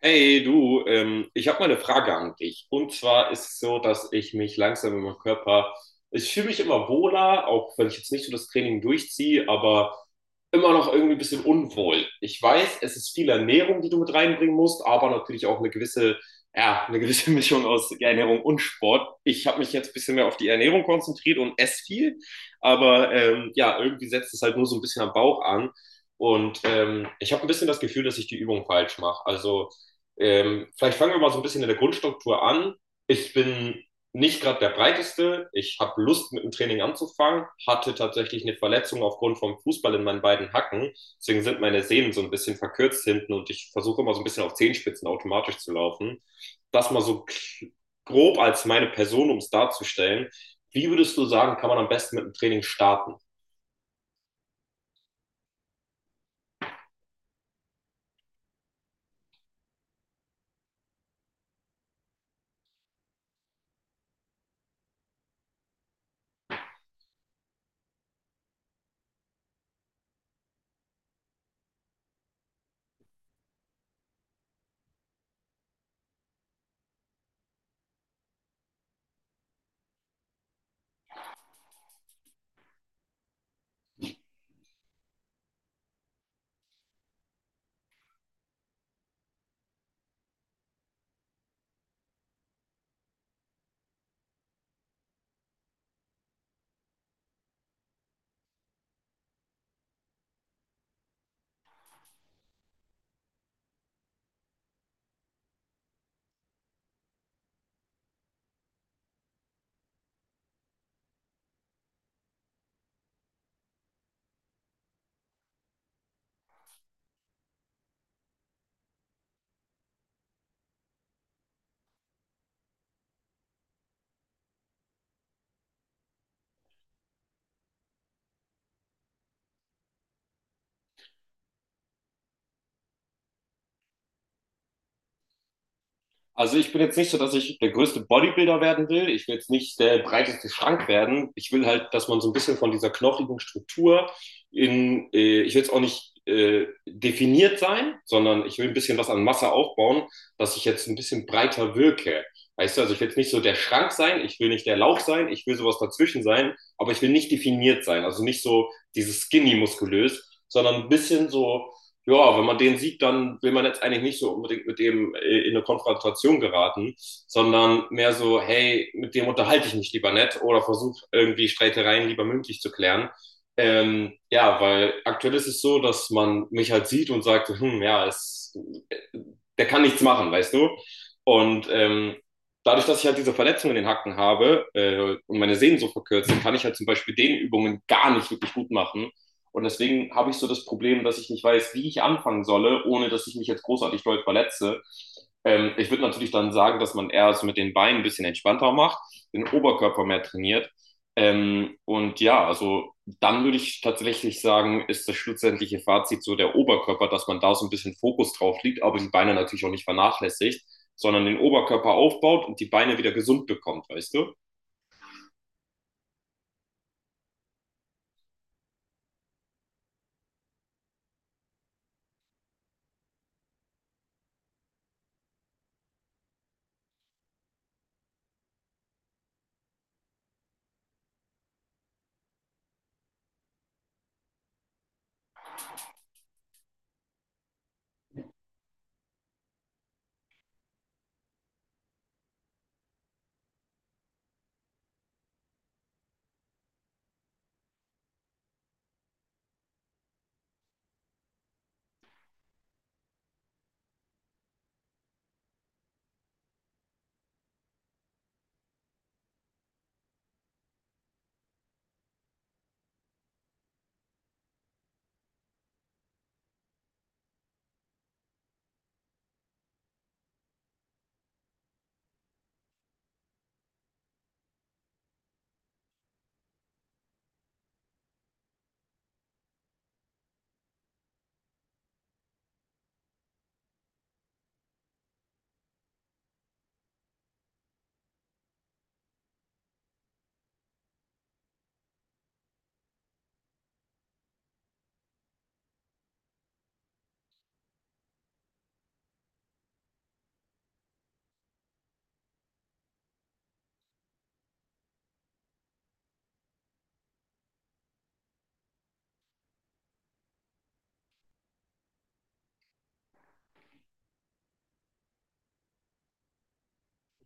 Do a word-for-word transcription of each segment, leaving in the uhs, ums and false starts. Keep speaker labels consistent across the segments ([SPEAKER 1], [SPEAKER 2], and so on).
[SPEAKER 1] Hey du, ähm, ich habe mal eine Frage an dich. Und zwar ist es so, dass ich mich langsam in meinem Körper, ich fühle mich immer wohler, auch wenn ich jetzt nicht so das Training durchziehe, aber immer noch irgendwie ein bisschen unwohl. Ich weiß, es ist viel Ernährung, die du mit reinbringen musst, aber natürlich auch eine gewisse, ja, eine gewisse Mischung aus Ernährung und Sport. Ich habe mich jetzt ein bisschen mehr auf die Ernährung konzentriert und esse viel, aber ähm, ja, irgendwie setzt es halt nur so ein bisschen am Bauch an. Und ähm, ich habe ein bisschen das Gefühl, dass ich die Übung falsch mache. Also ähm, vielleicht fangen wir mal so ein bisschen in der Grundstruktur an. Ich bin nicht gerade der breiteste. Ich habe Lust, mit dem Training anzufangen, hatte tatsächlich eine Verletzung aufgrund vom Fußball in meinen beiden Hacken. Deswegen sind meine Sehnen so ein bisschen verkürzt hinten und ich versuche immer so ein bisschen auf Zehenspitzen automatisch zu laufen. Das mal so grob als meine Person, um es darzustellen. Wie würdest du sagen, kann man am besten mit dem Training starten? Also ich bin jetzt nicht so, dass ich der größte Bodybuilder werden will. Ich will jetzt nicht der breiteste Schrank werden. Ich will halt, dass man so ein bisschen von dieser knochigen Struktur in, äh, ich will jetzt auch nicht äh, definiert sein, sondern ich will ein bisschen was an Masse aufbauen, dass ich jetzt ein bisschen breiter wirke. Weißt du, also ich will jetzt nicht so der Schrank sein, ich will nicht der Lauch sein, ich will sowas dazwischen sein, aber ich will nicht definiert sein. Also nicht so dieses skinny muskulös, sondern ein bisschen so ja, wenn man den sieht, dann will man jetzt eigentlich nicht so unbedingt mit dem äh, in eine Konfrontation geraten, sondern mehr so, hey, mit dem unterhalte ich mich lieber nett oder versuche irgendwie Streitereien lieber mündlich zu klären. Ähm, ja, weil aktuell ist es so, dass man mich halt sieht und sagt, hm, ja, es, äh, der kann nichts machen, weißt du? Und ähm, dadurch, dass ich halt diese Verletzung in den Hacken habe äh, und meine Sehnen so verkürzen, kann ich halt zum Beispiel den Übungen gar nicht wirklich gut machen und deswegen habe ich so das Problem, dass ich nicht weiß, wie ich anfangen solle, ohne dass ich mich jetzt großartig doll verletze. Ähm, ich würde natürlich dann sagen, dass man eher es mit den Beinen ein bisschen entspannter macht, den Oberkörper mehr trainiert. Ähm, und ja, also dann würde ich tatsächlich sagen, ist das schlussendliche Fazit so der Oberkörper, dass man da so ein bisschen Fokus drauf legt, aber die Beine natürlich auch nicht vernachlässigt, sondern den Oberkörper aufbaut und die Beine wieder gesund bekommt, weißt du?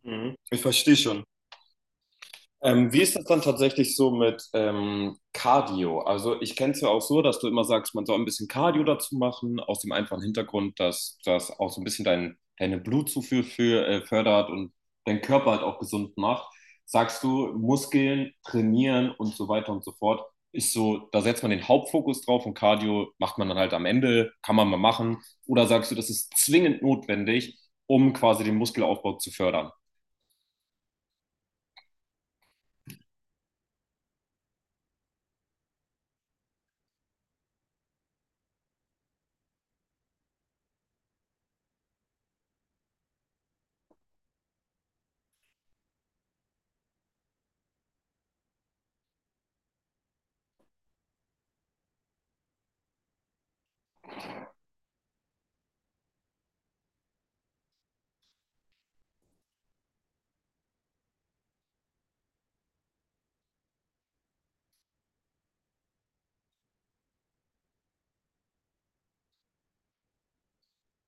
[SPEAKER 1] Mhm. Ich verstehe schon. Ähm, wie ist das dann tatsächlich so mit ähm, Cardio? Also ich kenne es ja auch so, dass du immer sagst, man soll ein bisschen Cardio dazu machen, aus dem einfachen Hintergrund, dass das auch so ein bisschen dein, deine Blutzufuhr für, äh, fördert und deinen Körper halt auch gesund macht. Sagst du, Muskeln trainieren und so weiter und so fort, ist so, da setzt man den Hauptfokus drauf und Cardio macht man dann halt am Ende, kann man mal machen. Oder sagst du, das ist zwingend notwendig, um quasi den Muskelaufbau zu fördern,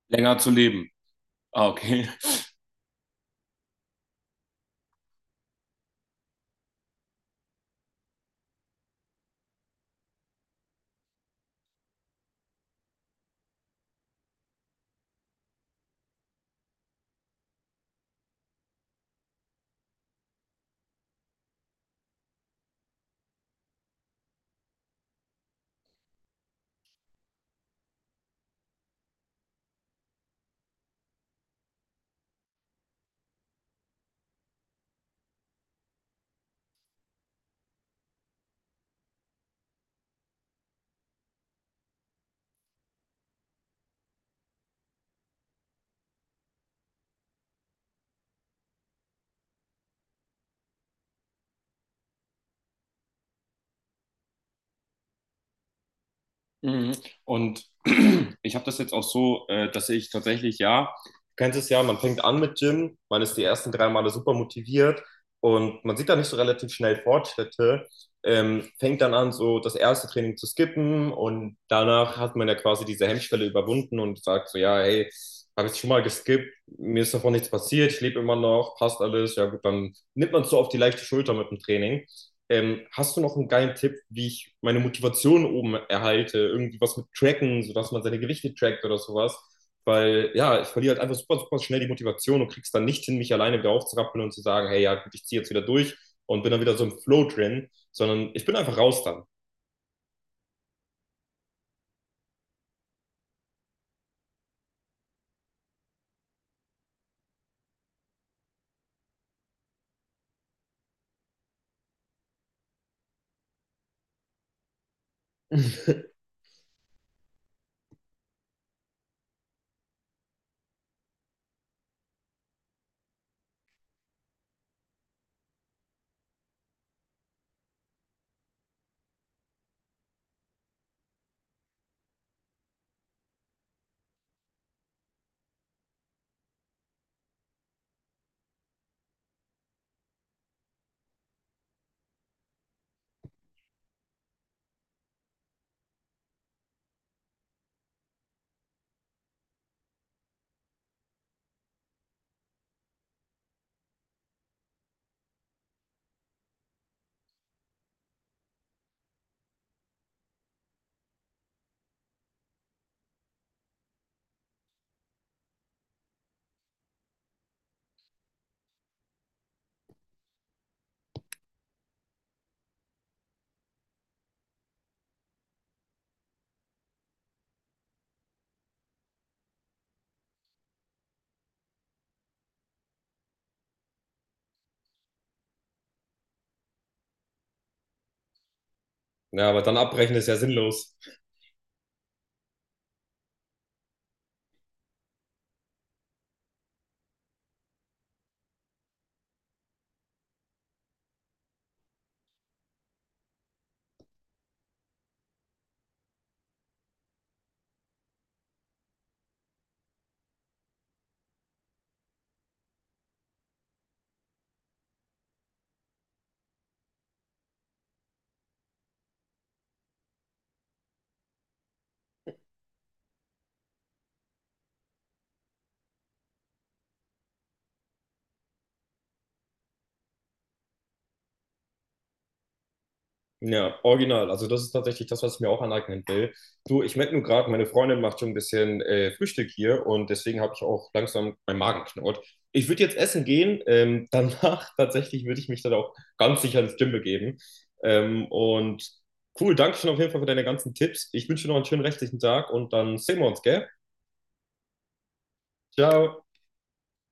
[SPEAKER 1] länger zu leben? Ah, okay. Mhm. Und ich habe das jetzt auch so, äh, dass ich tatsächlich, ja, du kennst es ja, man fängt an mit Gym, man ist die ersten drei Male super motiviert und man sieht da nicht so relativ schnell Fortschritte, ähm, fängt dann an, so das erste Training zu skippen und danach hat man ja quasi diese Hemmschwelle überwunden und sagt so, ja, hey, habe ich schon mal geskippt, mir ist davon nichts passiert, ich lebe immer noch, passt alles, ja gut, dann nimmt man es so auf die leichte Schulter mit dem Training. Ähm, hast du noch einen geilen Tipp, wie ich meine Motivation oben erhalte? Irgendwie was mit Tracken, sodass man seine Gewichte trackt oder sowas. Weil ja, ich verliere halt einfach super, super schnell die Motivation und krieg's dann nicht hin, mich alleine wieder aufzurappeln und zu sagen, hey, ja, gut, ich ziehe jetzt wieder durch und bin dann wieder so im Flow drin, sondern ich bin einfach raus dann. Ja, aber dann abbrechen ist ja sinnlos. Ja, original. Also das ist tatsächlich das, was ich mir auch aneignen will. Du, ich merke nur gerade, meine Freundin macht schon ein bisschen äh, Frühstück hier und deswegen habe ich auch langsam meinen Magen knurrt. Ich würde jetzt essen gehen. Ähm, danach tatsächlich würde ich mich dann auch ganz sicher ins Gym begeben. Ähm, und cool, danke schon auf jeden Fall für deine ganzen Tipps. Ich wünsche dir noch einen schönen restlichen Tag und dann sehen wir uns, gell? Ciao.